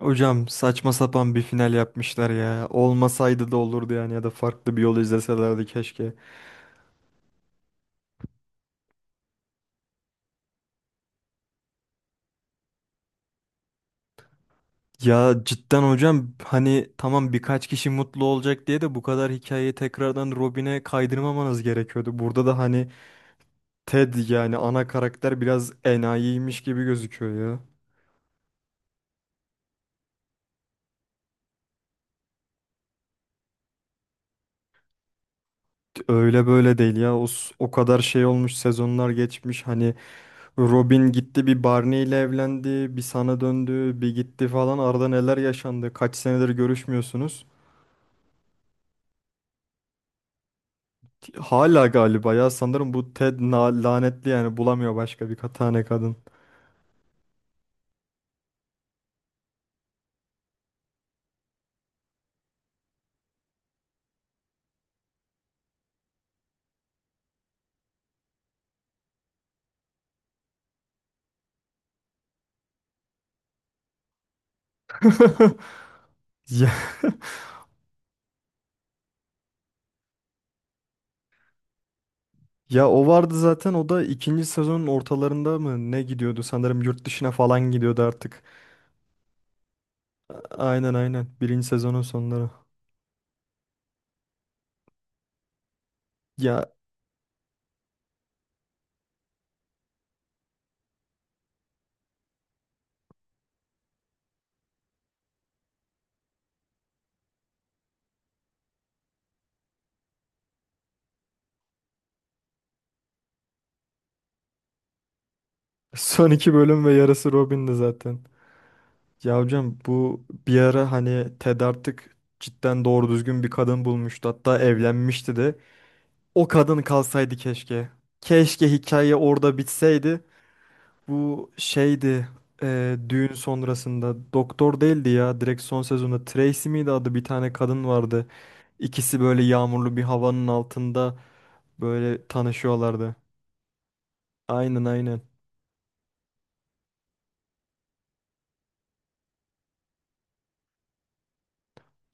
Hocam saçma sapan bir final yapmışlar ya. Olmasaydı da olurdu yani ya da farklı bir yol izleselerdi keşke. Ya cidden hocam hani tamam birkaç kişi mutlu olacak diye de bu kadar hikayeyi tekrardan Robin'e kaydırmamanız gerekiyordu. Burada da hani Ted yani ana karakter biraz enayiymiş gibi gözüküyor ya. Öyle böyle değil ya. O, o kadar şey olmuş sezonlar geçmiş hani Robin gitti bir Barney ile evlendi bir sana döndü bir gitti falan arada neler yaşandı kaç senedir görüşmüyorsunuz. Hala galiba ya sanırım bu Ted lanetli yani bulamıyor başka bir tane kadın. Ya, ya, o vardı zaten o da ikinci sezonun ortalarında mı ne gidiyordu sanırım yurt dışına falan gidiyordu artık. Aynen aynen, birinci sezonun sonları. Ya son iki bölüm ve yarısı Robin'di zaten. Ya hocam bu bir ara hani Ted artık cidden doğru düzgün bir kadın bulmuştu, hatta evlenmişti de. O kadın kalsaydı keşke. Keşke hikaye orada bitseydi. Bu şeydi, düğün sonrasında doktor değildi ya, direkt son sezonda Tracy miydi adı, bir tane kadın vardı. İkisi böyle yağmurlu bir havanın altında böyle tanışıyorlardı. Aynen aynen.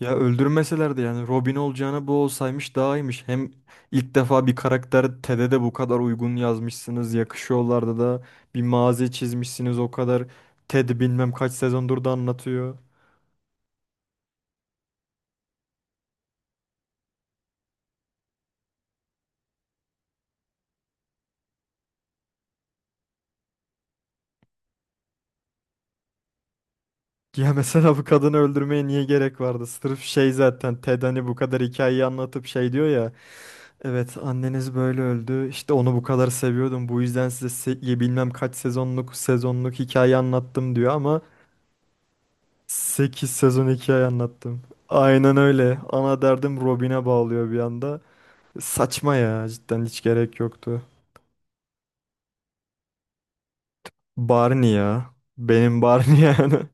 Ya öldürmeselerdi, yani Robin olacağına bu olsaymış daha iyiymiş. Hem ilk defa bir karakter, Ted'e de bu kadar uygun yazmışsınız. Yakışıyorlardı da, bir mazi çizmişsiniz o kadar. Ted bilmem kaç sezondur da anlatıyor. Ya mesela bu kadını öldürmeye niye gerek vardı? Sırf şey, zaten Ted hani bu kadar hikayeyi anlatıp şey diyor ya. Evet anneniz böyle öldü. İşte onu bu kadar seviyordum. Bu yüzden size bilmem kaç sezonluk sezonluk hikaye anlattım diyor ama 8 sezon hikaye anlattım. Aynen öyle. Ana derdim Robin'e bağlıyor bir anda. Saçma ya, cidden hiç gerek yoktu. Barney ya. Benim Barney yani.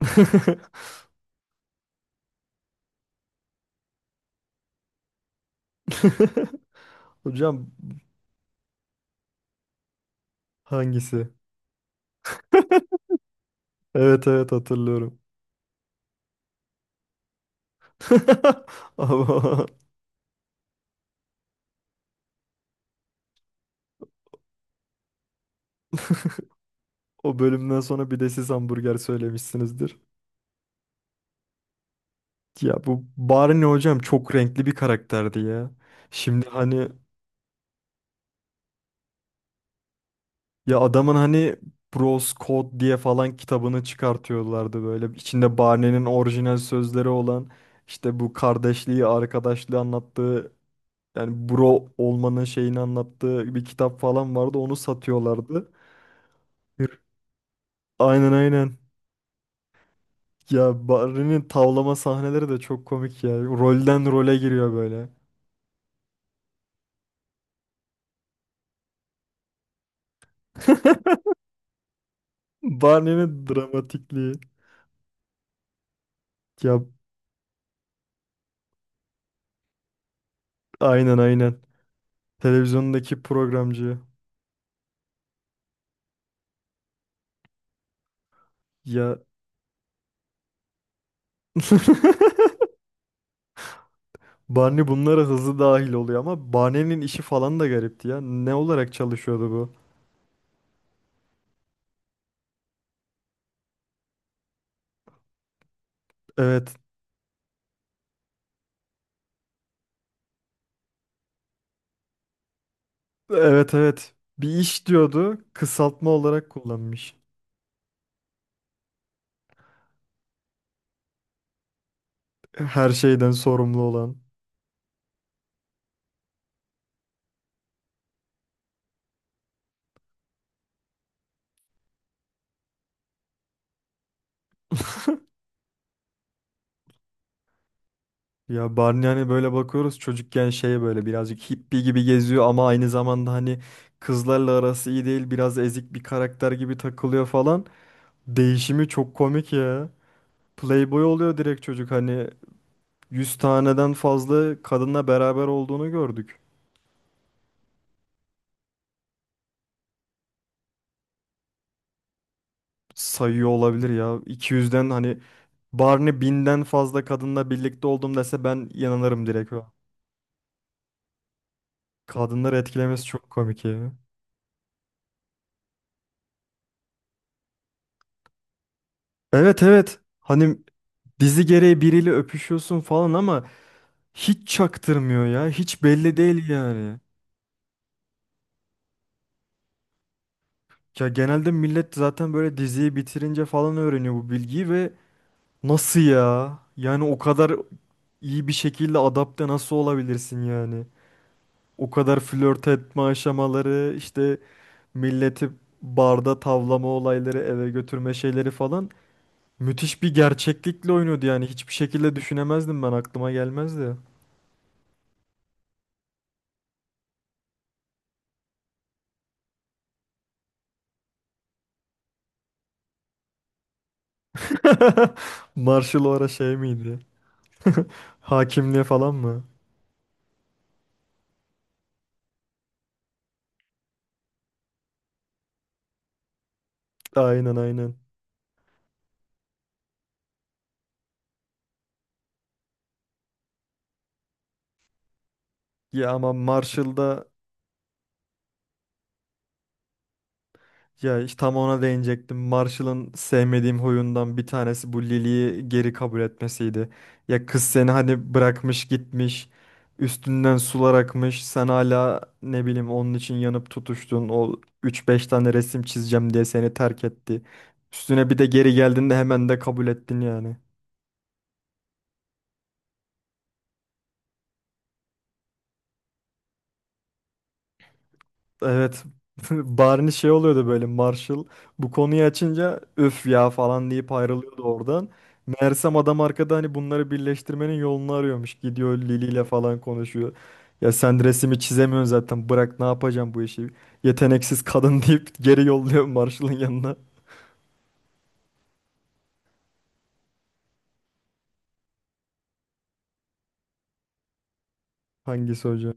Hocam hangisi? Evet evet, hatırlıyorum. Ama o bölümden sonra bir de siz hamburger söylemişsinizdir. Ya bu Barney hocam çok renkli bir karakterdi ya. Şimdi hani, ya adamın hani Bros Code diye falan kitabını çıkartıyorlardı böyle. İçinde Barney'nin orijinal sözleri olan, işte bu kardeşliği, arkadaşlığı anlattığı, yani bro olmanın şeyini anlattığı bir kitap falan vardı. Onu satıyorlardı. Bir- Aynen aynen. Ya Barney'nin tavlama sahneleri de çok komik ya. Rolden role giriyor böyle. Barney'nin dramatikliği. Ya aynen aynen. Televizyondaki programcı. Ya Barney bunlara hızlı dahil oluyor ama Barney'nin işi falan da garipti ya. Ne olarak çalışıyordu bu? Evet. Evet evet. Bir iş diyordu. Kısaltma olarak kullanmış. Her şeyden sorumlu olan. Ya Barney hani böyle bakıyoruz, çocukken şey böyle birazcık hippie gibi geziyor ama aynı zamanda hani kızlarla arası iyi değil, biraz ezik bir karakter gibi takılıyor falan. Değişimi çok komik ya. Playboy oluyor direkt çocuk, hani 100 taneden fazla kadınla beraber olduğunu gördük. Sayıyor olabilir ya, 200'den hani Barney 1000'den fazla kadınla birlikte oldum dese ben inanırım direkt o. Kadınları etkilemesi çok komik ya. Evet evet, hani dizi gereği biriyle öpüşüyorsun falan ama hiç çaktırmıyor ya. Hiç belli değil yani. Ya genelde millet zaten böyle diziyi bitirince falan öğreniyor bu bilgiyi ve nasıl ya? Yani o kadar iyi bir şekilde adapte nasıl olabilirsin yani? O kadar flört etme aşamaları, işte milleti barda tavlama olayları, eve götürme şeyleri falan müthiş bir gerçeklikle oynuyordu yani. Hiçbir şekilde düşünemezdim, ben aklıma gelmezdi. Marshall o ara şey miydi? Hakimliğe falan mı? Aynen aynen. Ya ama Marshall'da, ya işte tam ona değinecektim. Marshall'ın sevmediğim huyundan bir tanesi bu Lily'yi geri kabul etmesiydi. Ya kız seni hani bırakmış gitmiş. Üstünden sular akmış. Sen hala ne bileyim onun için yanıp tutuştun. O üç beş tane resim çizeceğim diye seni terk etti. Üstüne bir de geri geldiğinde hemen de kabul ettin yani. Evet. Barney şey oluyordu böyle, Marshall bu konuyu açınca öf ya falan deyip ayrılıyordu oradan. Meğersem adam arkada hani bunları birleştirmenin yolunu arıyormuş. Gidiyor Lily ile falan konuşuyor. Ya sen resmi çizemiyorsun zaten, bırak ne yapacağım bu işi. Yeteneksiz kadın deyip geri yolluyor Marshall'ın yanına. Hangisi hocam?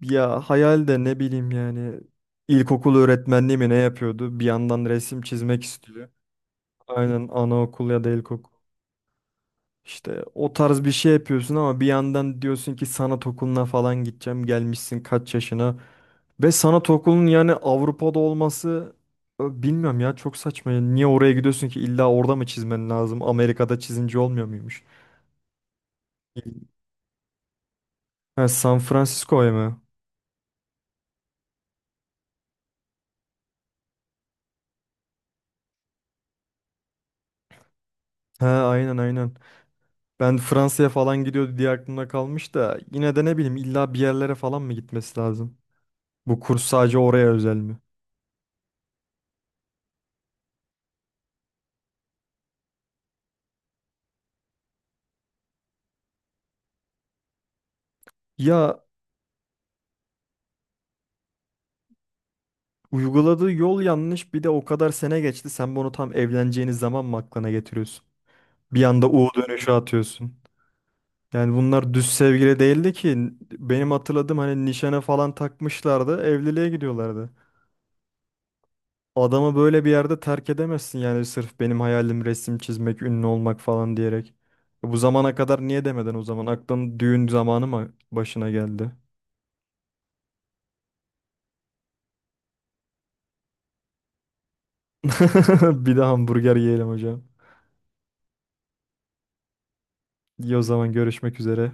Ya hayal de ne bileyim yani, ilkokul öğretmenliği mi ne yapıyordu? Bir yandan resim çizmek istiyor. Aynen anaokul ya da ilkokul. İşte o tarz bir şey yapıyorsun ama bir yandan diyorsun ki sanat okuluna falan gideceğim. Gelmişsin kaç yaşına. Ve sanat okulunun yani Avrupa'da olması, bilmiyorum ya, çok saçma ya. Niye oraya gidiyorsun ki, illa orada mı çizmen lazım? Amerika'da çizince olmuyor muymuş? Ha, San Francisco'ya mı? Ha, aynen aynen. Ben Fransa'ya falan gidiyordu diye aklımda kalmış da, yine de ne bileyim, illa bir yerlere falan mı gitmesi lazım? Bu kurs sadece oraya özel mi? Ya uyguladığı yol yanlış. Bir de o kadar sene geçti. Sen bunu tam evleneceğiniz zaman mı aklına getiriyorsun? Bir anda U dönüşü atıyorsun. Yani bunlar düz sevgili değildi ki. Benim hatırladığım hani nişana falan takmışlardı. Evliliğe gidiyorlardı. Adamı böyle bir yerde terk edemezsin yani, sırf benim hayalim resim çizmek, ünlü olmak falan diyerek. E, bu zamana kadar niye demeden o zaman? Aklın düğün zamanı mı başına geldi? Bir de hamburger yiyelim hocam. İyi, o zaman görüşmek üzere.